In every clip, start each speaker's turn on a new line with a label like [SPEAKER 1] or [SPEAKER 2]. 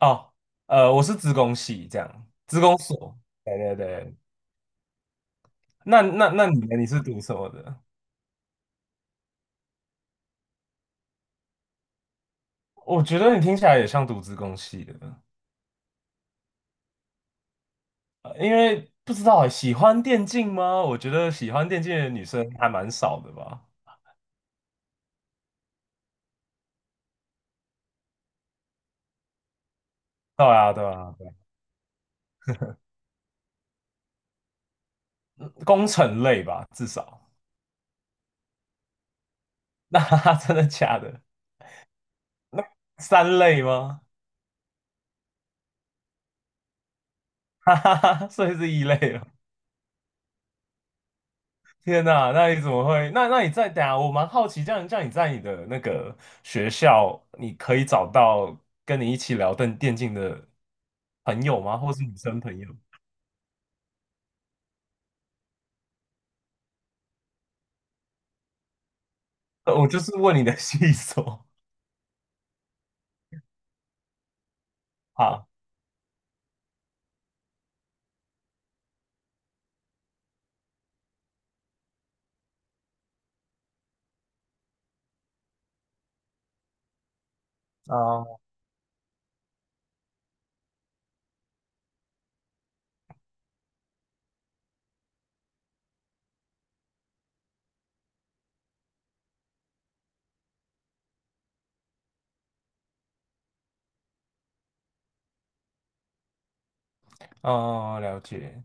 [SPEAKER 1] 哦，我是资工系，这样，资工所。对对对，那你呢？你是读什么的？我觉得你听起来也像读资工系的，因为不知道欸喜欢电竞吗？我觉得喜欢电竞的女生还蛮少的吧。对啊，对啊，对工程类吧，至少。那真的假的？那三类吗？哈哈哈，所以是一类了。天呐，那你怎么会？那你在等下，我蛮好奇，这样你在你的那个学校，你可以找到跟你一起聊电竞的朋友吗？或是女生朋友？我就是问你的细说。好，哦哦，了解。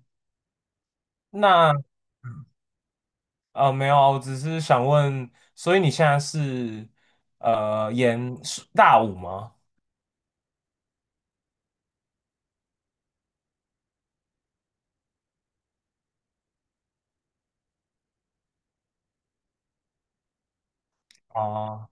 [SPEAKER 1] 那没有啊，我只是想问，所以你现在是呃研是大五吗？哦，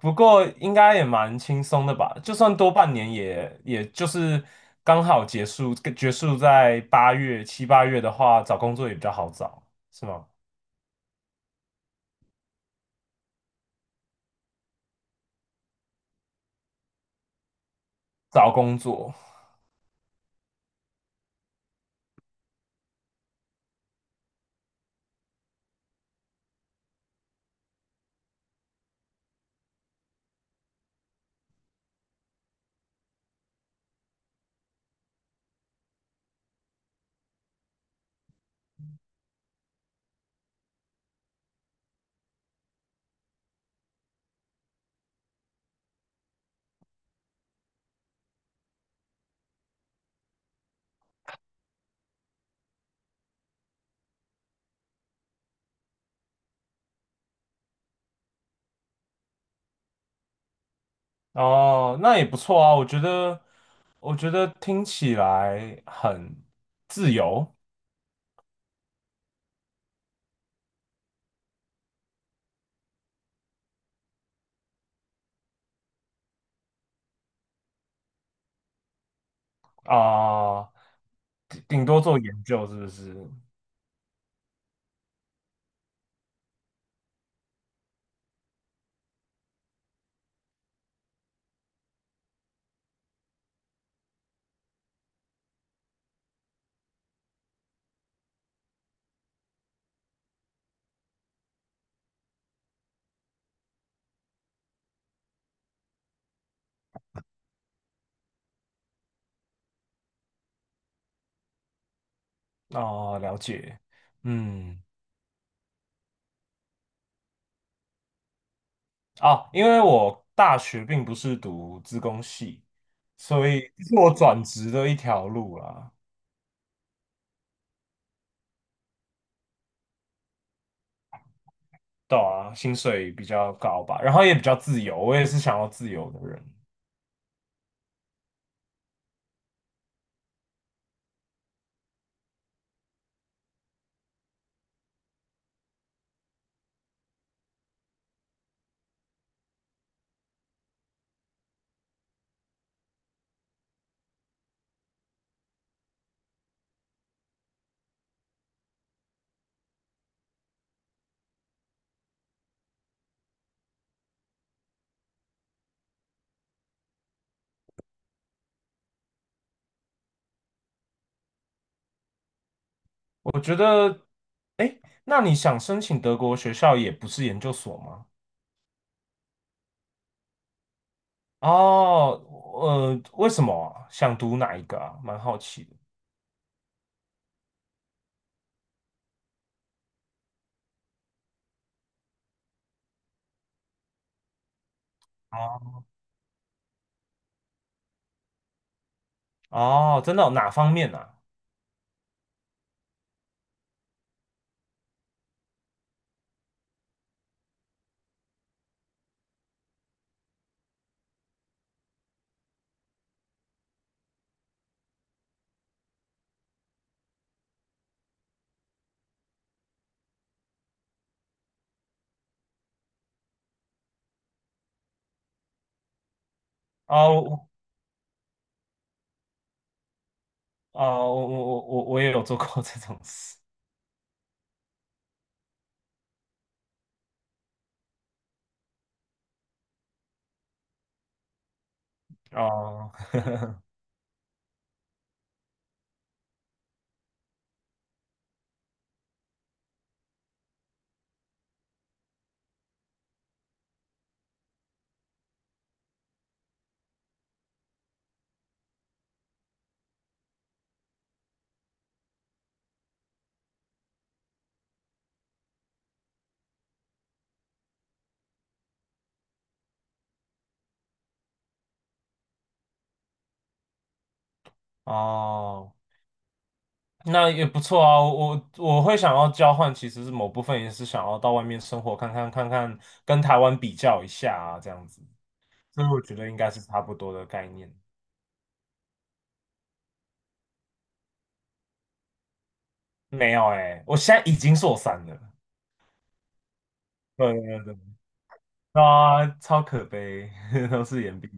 [SPEAKER 1] 不过应该也蛮轻松的吧？就算多半年也，也就是刚好结束，结束在八月、7、8月的话，找工作也比较好找，是吗？找工作。哦，那也不错啊。我觉得，我觉得听起来很自由啊，顶多做研究是不是？哦，了解，嗯。啊，因为我大学并不是读资工系，所以这是我转职的一条路啦。对啊，薪水比较高吧，然后也比较自由，我也是想要自由的人。我觉得，哎，那你想申请德国学校也不是研究所吗？哦，为什么啊想读哪一个啊？蛮好奇的。哦，哦，真的哦哪方面啊？哦，我 哦，我也有做过这种事。哦，哦，那也不错啊，我我会想要交换，其实是某部分也是想要到外面生活看看，跟台湾比较一下啊，这样子，所以我觉得应该是差不多的概念。没有我现在已经硕三了，对对对，啊，超可悲，都是延毕。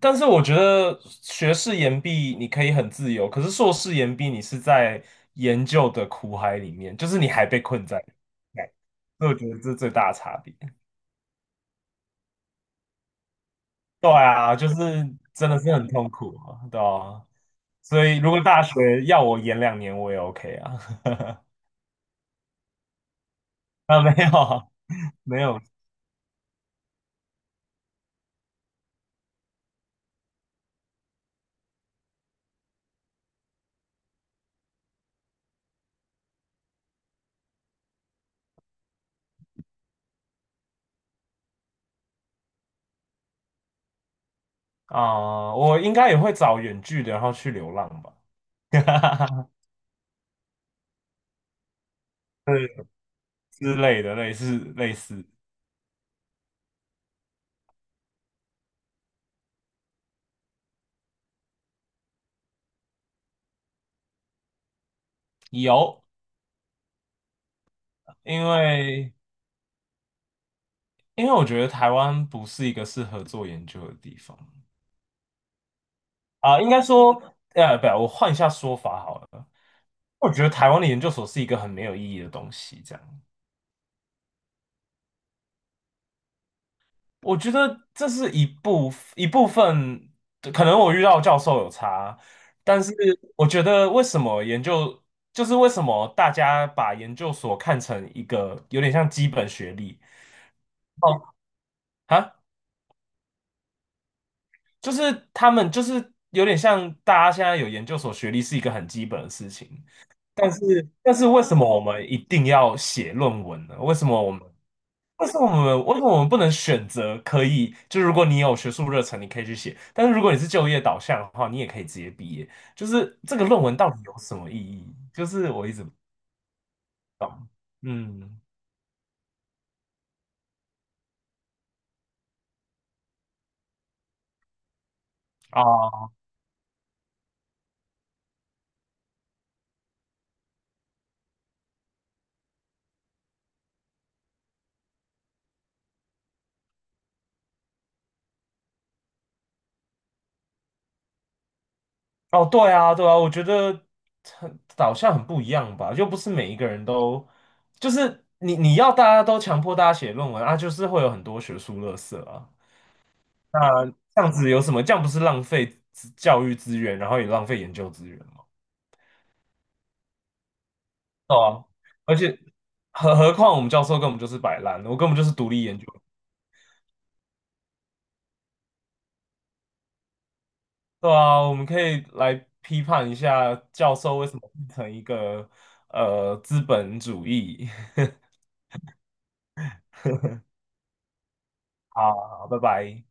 [SPEAKER 1] 但是我觉得学士研毕你可以很自由，可是硕士研毕你是在研究的苦海里面，就是你还被困在。对，所以我觉得这是最大的差别。对啊，就是真的是很痛苦啊，对啊。所以如果大学要我延2年，我也 OK 啊。啊，没有没有啊，我应该也会找远距的，然后去流浪吧，对之类的，类似。有，因为因为我觉得台湾不是一个适合做研究的地方。啊，应该说，不，我换一下说法好了，我觉得台湾的研究所是一个很没有意义的东西，这样。我觉得这是一部分，可能我遇到的教授有差，但是我觉得为什么研究，就是为什么大家把研究所看成一个有点像基本学历。哦，啊，就是他们就是有点像大家现在有研究所学历是一个很基本的事情，但是为什么我们一定要写论文呢？为什么我们不能选择可以？就如果你有学术热忱，你可以去写；但是如果你是就业导向的话，你也可以直接毕业。就是这个论文到底有什么意义？就是我一直嗯啊哦，对啊对啊，我觉得很导向很不一样吧，又不是每一个人都就是你要大家都强迫大家写论文啊，就是会有很多学术垃色啊。那这样子有什么？这样不是浪费资教育资源，然后也浪费研究资源。哦，而且何况我们教授根本就是摆烂，我根本就是独立研究。对啊，我们可以来批判一下教授为什么变成一个资本主义。好好，拜拜。